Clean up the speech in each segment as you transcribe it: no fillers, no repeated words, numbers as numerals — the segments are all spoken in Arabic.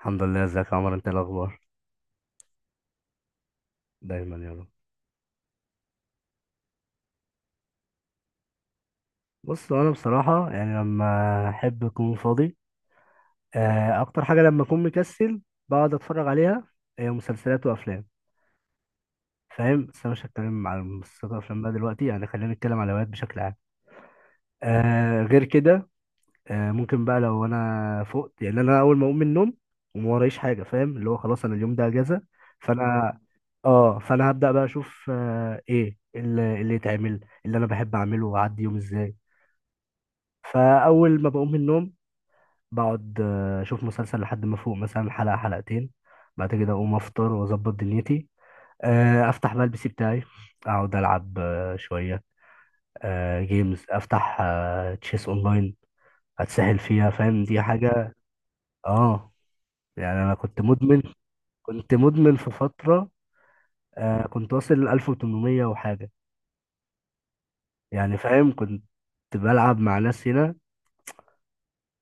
الحمد لله، ازيك يا عمر؟ انت إيه الاخبار؟ دايما يا رب. بص انا بصراحه يعني لما احب اكون فاضي، اكتر حاجه لما اكون مكسل بقعد اتفرج عليها، هي مسلسلات وافلام. فاهم، بس انا مش هتكلم على مسلسلات وافلام بقى دلوقتي، يعني خلينا نتكلم على هوايات بشكل عام. غير كده، ممكن بقى لو انا فقت، يعني انا اول ما اقوم من النوم وما ورايش حاجه، فاهم؟ اللي هو خلاص انا اليوم ده اجازه. فانا اه فانا هبدا بقى اشوف ايه اللي يتعمل، اللي انا بحب اعمله واعدي يوم ازاي. فاول ما بقوم من النوم بقعد اشوف مسلسل لحد ما فوق، مثلا حلقه حلقتين. بعد كده اقوم افطر واظبط دنيتي، افتح بقى البي سي بتاعي، اقعد العب شويه. جيمز، افتح تشيس اونلاين، اتسهل فيها. فاهم، دي حاجه. اه يعني انا كنت مدمن، كنت مدمن في فتره، كنت واصل 1800 وحاجه. يعني فاهم، كنت بلعب مع ناس هنا.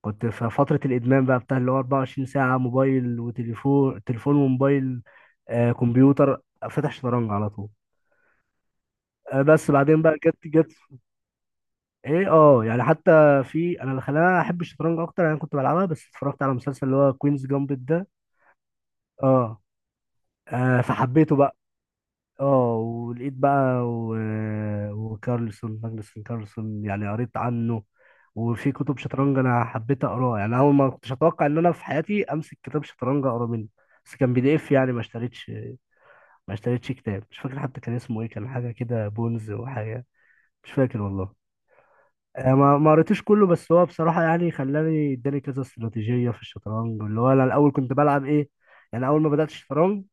كنت في فترة الإدمان بقى بتاع اللي هو 24 ساعة موبايل، وتليفون تليفون وموبايل، آه كمبيوتر، فاتح شطرنج على طول. آه بس بعدين بقى جت ايه؟ اه يعني حتى، في انا اللي خلاني احب الشطرنج اكتر، انا كنت بلعبها بس اتفرجت على مسلسل اللي هو كوينز جامبت ده. اه، آه فحبيته بقى. اه ولقيت بقى و... وكارلسون، ماجنسون كارلسون، يعني قريت عنه. وفي كتب شطرنج انا حبيت اقراه، يعني اول ما كنتش اتوقع ان انا في حياتي امسك كتاب شطرنج اقرا منه. بس كان بي دي اف يعني ما اشتريتش، ما اشتريتش كتاب. مش فاكر حتى كان اسمه ايه، كان حاجه كده بونز وحاجه. مش فاكر والله. ما قريتوش كله، بس هو بصراحه يعني خلاني اداني كذا استراتيجيه في الشطرنج. اللي هو انا الاول كنت بلعب ايه؟ يعني اول ما بدات الشطرنج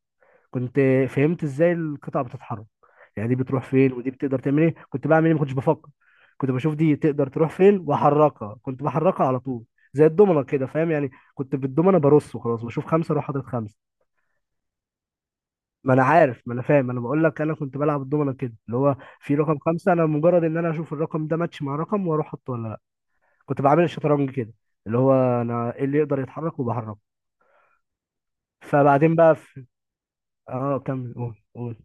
كنت، فهمت ازاي القطع بتتحرك، يعني دي بتروح فين ودي بتقدر تعمل ايه. كنت بعمل ايه؟ ما كنتش بفكر، كنت بشوف دي تقدر تروح فين واحركها، كنت بحركها على طول. زي الدومنه كده فاهم، يعني كنت بالدومنه برص وخلاص، بشوف خمسه اروح حاطط خمسه. ما انا عارف، ما انا فاهم، انا بقول لك انا كنت بلعب الدومنه كده، اللي هو في رقم خمسه انا مجرد ان انا اشوف الرقم ده ماتش مع رقم واروح احطه، ولا لا. كنت بعمل الشطرنج كده، اللي هو انا ايه اللي يقدر يتحرك وبحركه. فبعدين بقى في... اه كمل، قول قول.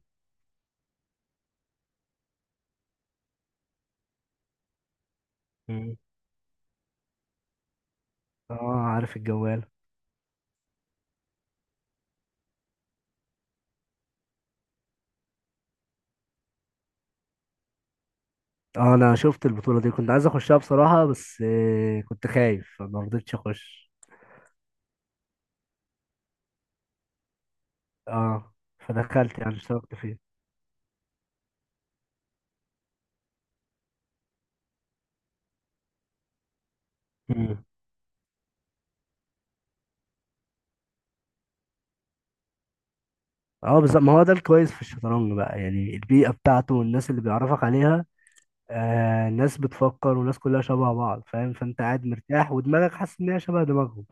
مم. اه عارف الجوال. اه انا شفت البطولة دي، كنت عايز اخشها بصراحة، بس كنت خايف فما رضيتش اخش. اه فدخلت، يعني اشتركت فيه. مم. اه بالظبط، ما هو ده الكويس في الشطرنج بقى، يعني البيئة بتاعته والناس اللي بيعرفك عليها، آه ناس بتفكر، والناس كلها شبه بعض فاهم، فانت قاعد مرتاح ودماغك حاسس ان هي شبه دماغهم.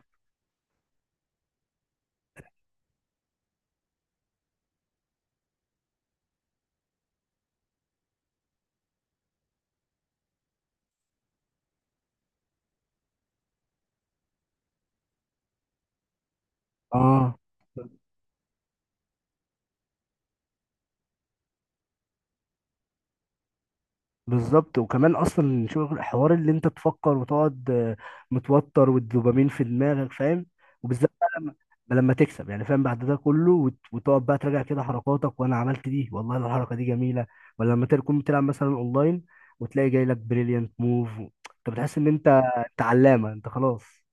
اه بالظبط، وكمان اصلا شغل حوار اللي انت تفكر وتقعد متوتر والدوبامين في دماغك فاهم. وبالذات بقى لما تكسب، يعني فاهم بعد ده كله، وتقعد بقى تراجع كده حركاتك، وانا عملت دي والله الحركه دي جميله. ولا لما تكون بتلعب مثلا اونلاين وتلاقي جاي لك بريليانت موف، انت بتحس ان انت، انت علامه، انت خلاص.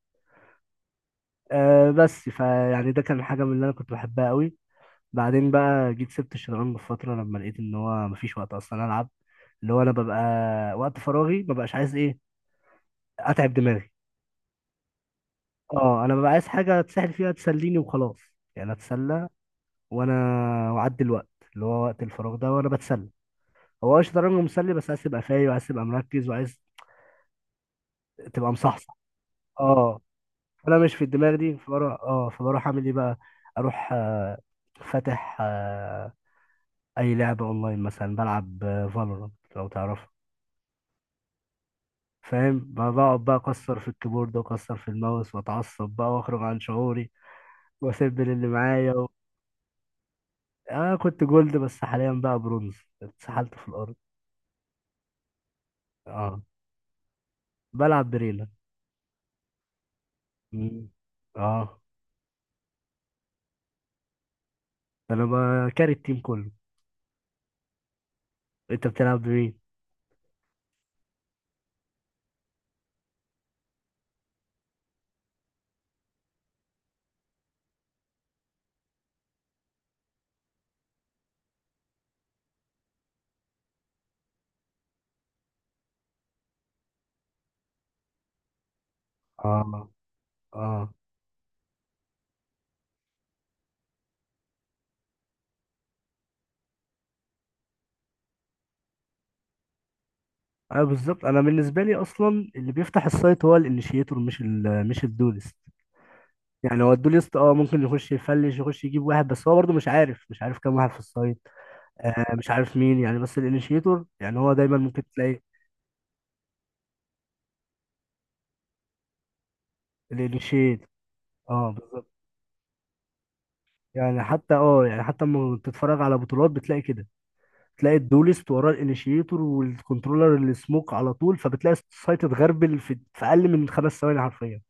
آه بس فيعني ده كان حاجه من اللي انا كنت بحبها قوي. بعدين بقى جيت سبت الشطرنج في فترة، لما لقيت ان هو مفيش وقت اصلا العب. اللي هو انا ببقى وقت فراغي مبقاش عايز ايه، اتعب دماغي. اه انا ببقى عايز حاجة اتسحل فيها تسليني وخلاص، يعني اتسلى وانا، واعدي الوقت اللي هو وقت الفراغ ده وانا بتسلى. هو الشطرنج مسلي بس عايز تبقى فايق، وعايز تبقى مركز، وعايز تبقى مصحصح. اه انا مش في الدماغ دي، فبروح اعمل ايه بقى؟ اروح فاتح اي لعبة اونلاين، مثلا بلعب فالورانت لو تعرف. فاهم، بقعد بقى اكسر في الكيبورد واكسر في الماوس، واتعصب بقى واخرج عن شعوري، واسيب اللي معايا و... اه كنت جولد، بس حاليا بقى برونز، اتسحلت في الارض. اه بلعب بريلا. مم. اه انا بكاري التيم كله. انت بتلعب بمين؟ اه. اه. اه بالظبط، انا بالنسبه لي اصلا اللي بيفتح السايت هو الانيشيتور، مش ال، مش الدولست. يعني هو الدوليست اه ممكن يخش يفلش، يخش يجيب واحد، بس هو برضه مش عارف كام واحد في السايت، آه مش عارف مين، يعني بس الانيشيتور يعني هو دايما ممكن تلاقي. الانيشيت اه بالظبط. يعني حتى، اه يعني حتى لما بتتفرج على بطولات بتلاقي كده، تلاقي الدولست وراه الانيشيتور والكنترولر اللي سموك على طول، فبتلاقي السايت اتغربل في اقل من خمس ثواني حرفيا،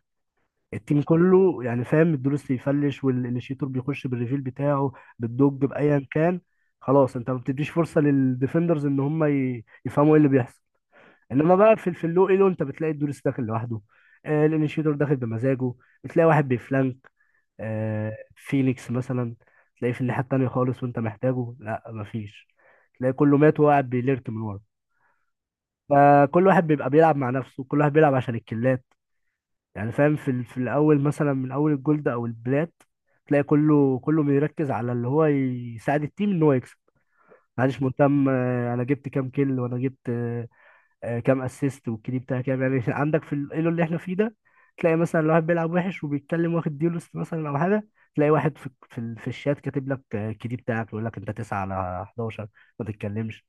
التيم كله يعني فاهم، الدولست يفلش والانيشيتور بيخش بالريفيل بتاعه، بالدوج بايا كان، خلاص. انت ما بتديش فرصه للديفندرز ان هم يفهموا ايه اللي بيحصل. انما بقى في اللو ايلو، انت بتلاقي الدوريس داخل لوحده، آه الانيشيتور داخل بمزاجه، بتلاقي واحد بيفلانك، آه فينيكس مثلا تلاقيه في الناحيه التانيه خالص وانت محتاجه، لا مفيش، تلاقي كله مات وهو قاعد بيليرت من ورا. فكل واحد بيبقى بيلعب مع نفسه، كل واحد بيلعب عشان الكلات، يعني فاهم. في الاول مثلا من اول الجولد او البلات، تلاقي كله بيركز على اللي هو يساعد التيم ان هو يكسب. محدش مهتم انا جبت كام كيل، وانا جبت كام اسيست، والكيدي بتاعه كام، يعني عندك في الايلو اللي احنا فيه ده، تلاقي مثلا لو واحد بيلعب وحش وبيتكلم، واخد ديولست مثلا او حاجه، تلاقي واحد في في الشات كاتب لك الكيدي بتاعك يقول لك انت 9 على 11، ما تتكلمش،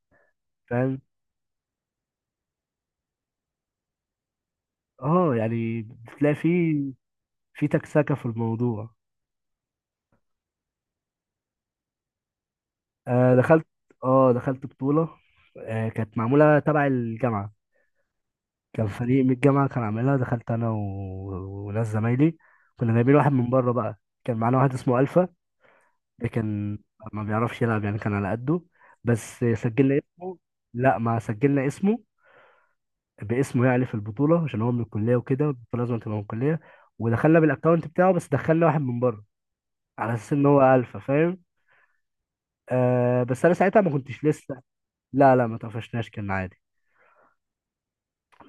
فاهم؟ اه يعني بتلاقي في، في تكسكه في الموضوع. آه دخلت، اه دخلت بطوله، آه كانت معموله تبع الجامعه. كان فريق من الجامعه كان عاملها، دخلت انا و... وناس زمايلي، كنا جايبين واحد من بره بقى، كان معانا واحد اسمه الفا. ده كان ما بيعرفش يلعب، يعني كان على قده، بس سجلنا اسمه. لا، ما سجلنا اسمه، باسمه يعني في البطولة، عشان هو من الكلية وكده، البطولة لازم تبقى من الكلية. ودخلنا بالاكونت بتاعه، بس دخلنا واحد من بره على اساس ان هو الفا، فاهم؟ آه بس انا ساعتها ما كنتش لسه. لا لا، ما طفشناش، كان عادي.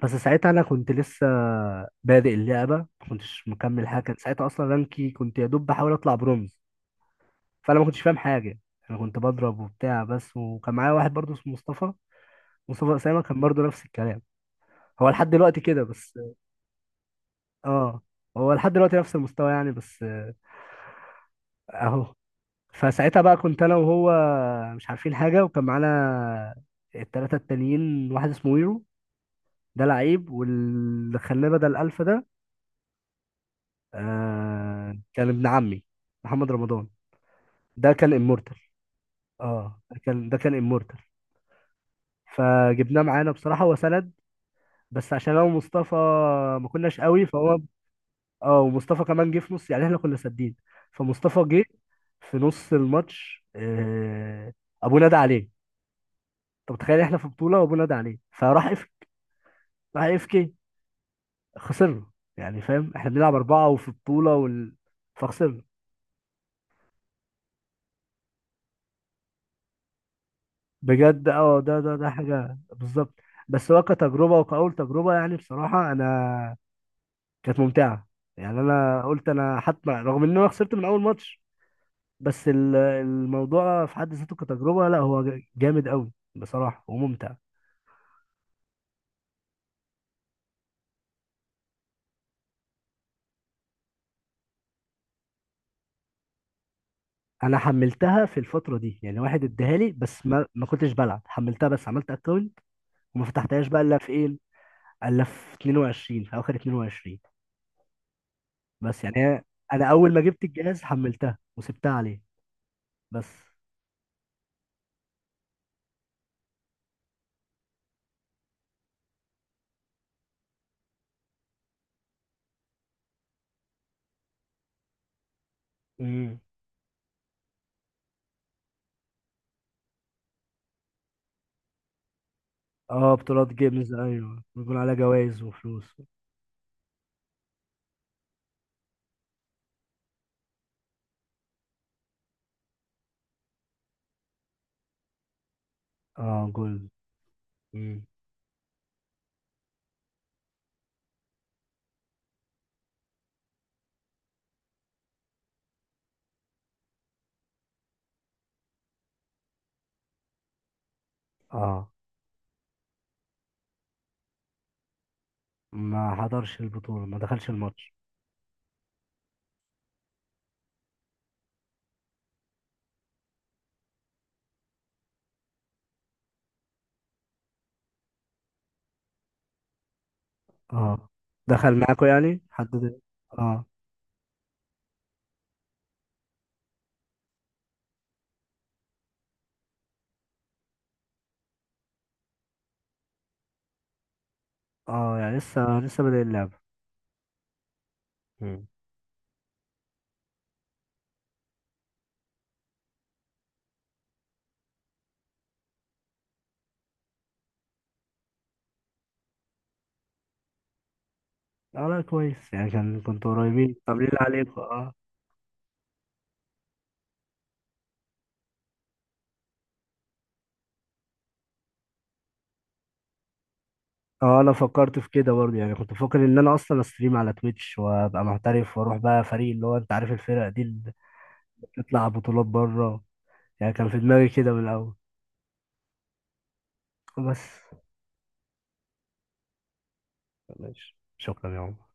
بس ساعتها انا كنت لسه بادئ اللعبة، ما كنتش مكمل حاجة، كان ساعتها اصلا رانكي كنت يا دوب بحاول اطلع برونز. فانا ما كنتش فاهم حاجة، انا كنت بضرب وبتاع بس. وكان معايا واحد برضه اسمه مصطفى، مصطفى أسامة، كان برضه نفس الكلام. هو لحد دلوقتي كده بس. اه هو لحد دلوقتي نفس المستوى، يعني بس اهو. فساعتها بقى كنت انا وهو مش عارفين حاجة، وكان معانا التلاتة التانيين واحد اسمه ويرو، ده لعيب، واللي خلاه بدل الألفا ده آه كان ابن عمي محمد رمضان، ده كان امورتال. اه ده كان، ده كان امورتال، فجبناه معانا بصراحة، هو سند. بس عشان انا ومصطفى ما كناش قوي، فهو، اه ومصطفى كمان جه في نص، يعني احنا كنا سادين، فمصطفى جه في نص الماتش، ابو نادى عليه. انت متخيل؟ احنا في بطوله وابو نادى عليه، فراح اف، راح اف كي، خسرنا. يعني فاهم احنا بنلعب اربعه وفي بطوله وال... فخسرنا. بجد، اه ده ده حاجه بالظبط. بس هو كتجربه، وكأول تجربه يعني بصراحه انا كانت ممتعه. يعني انا قلت انا حتى رغم ان انا خسرت من اول ماتش، بس الموضوع في حد ذاته كتجربة، لا هو جامد قوي بصراحة وممتع. انا حملتها في الفترة دي، يعني واحد اداها لي، بس ما كنتش بلعب، حملتها بس عملت اكونت، وما فتحتهاش بقى الا في ايه، الا في 22، في اخر 22. بس يعني انا اول ما جبت الجهاز حملتها وسبتها عليه. بس. امم. اه بطولات جيمز ايوه، بيكون عليها جوائز وفلوس. اه جولد. امم. اه. ما حضرش البطولة، ما دخلش الماتش. اه دخل معاكوا يعني حد اه. اه يعني لسه، لسه بادئ اللعبة. مم. اه لا كويس يعني، كان كنتوا قريبين، طب ليه عليكم. اه. اه انا فكرت في كده برضه، يعني كنت بفكر ان انا اصلا استريم على تويتش، وابقى محترف، واروح بقى فريق اللي هو انت عارف الفرق دي اللي بتطلع بطولات بره. يعني كان في دماغي كده من الاول، بس. ماشي، شكرا يا عمر.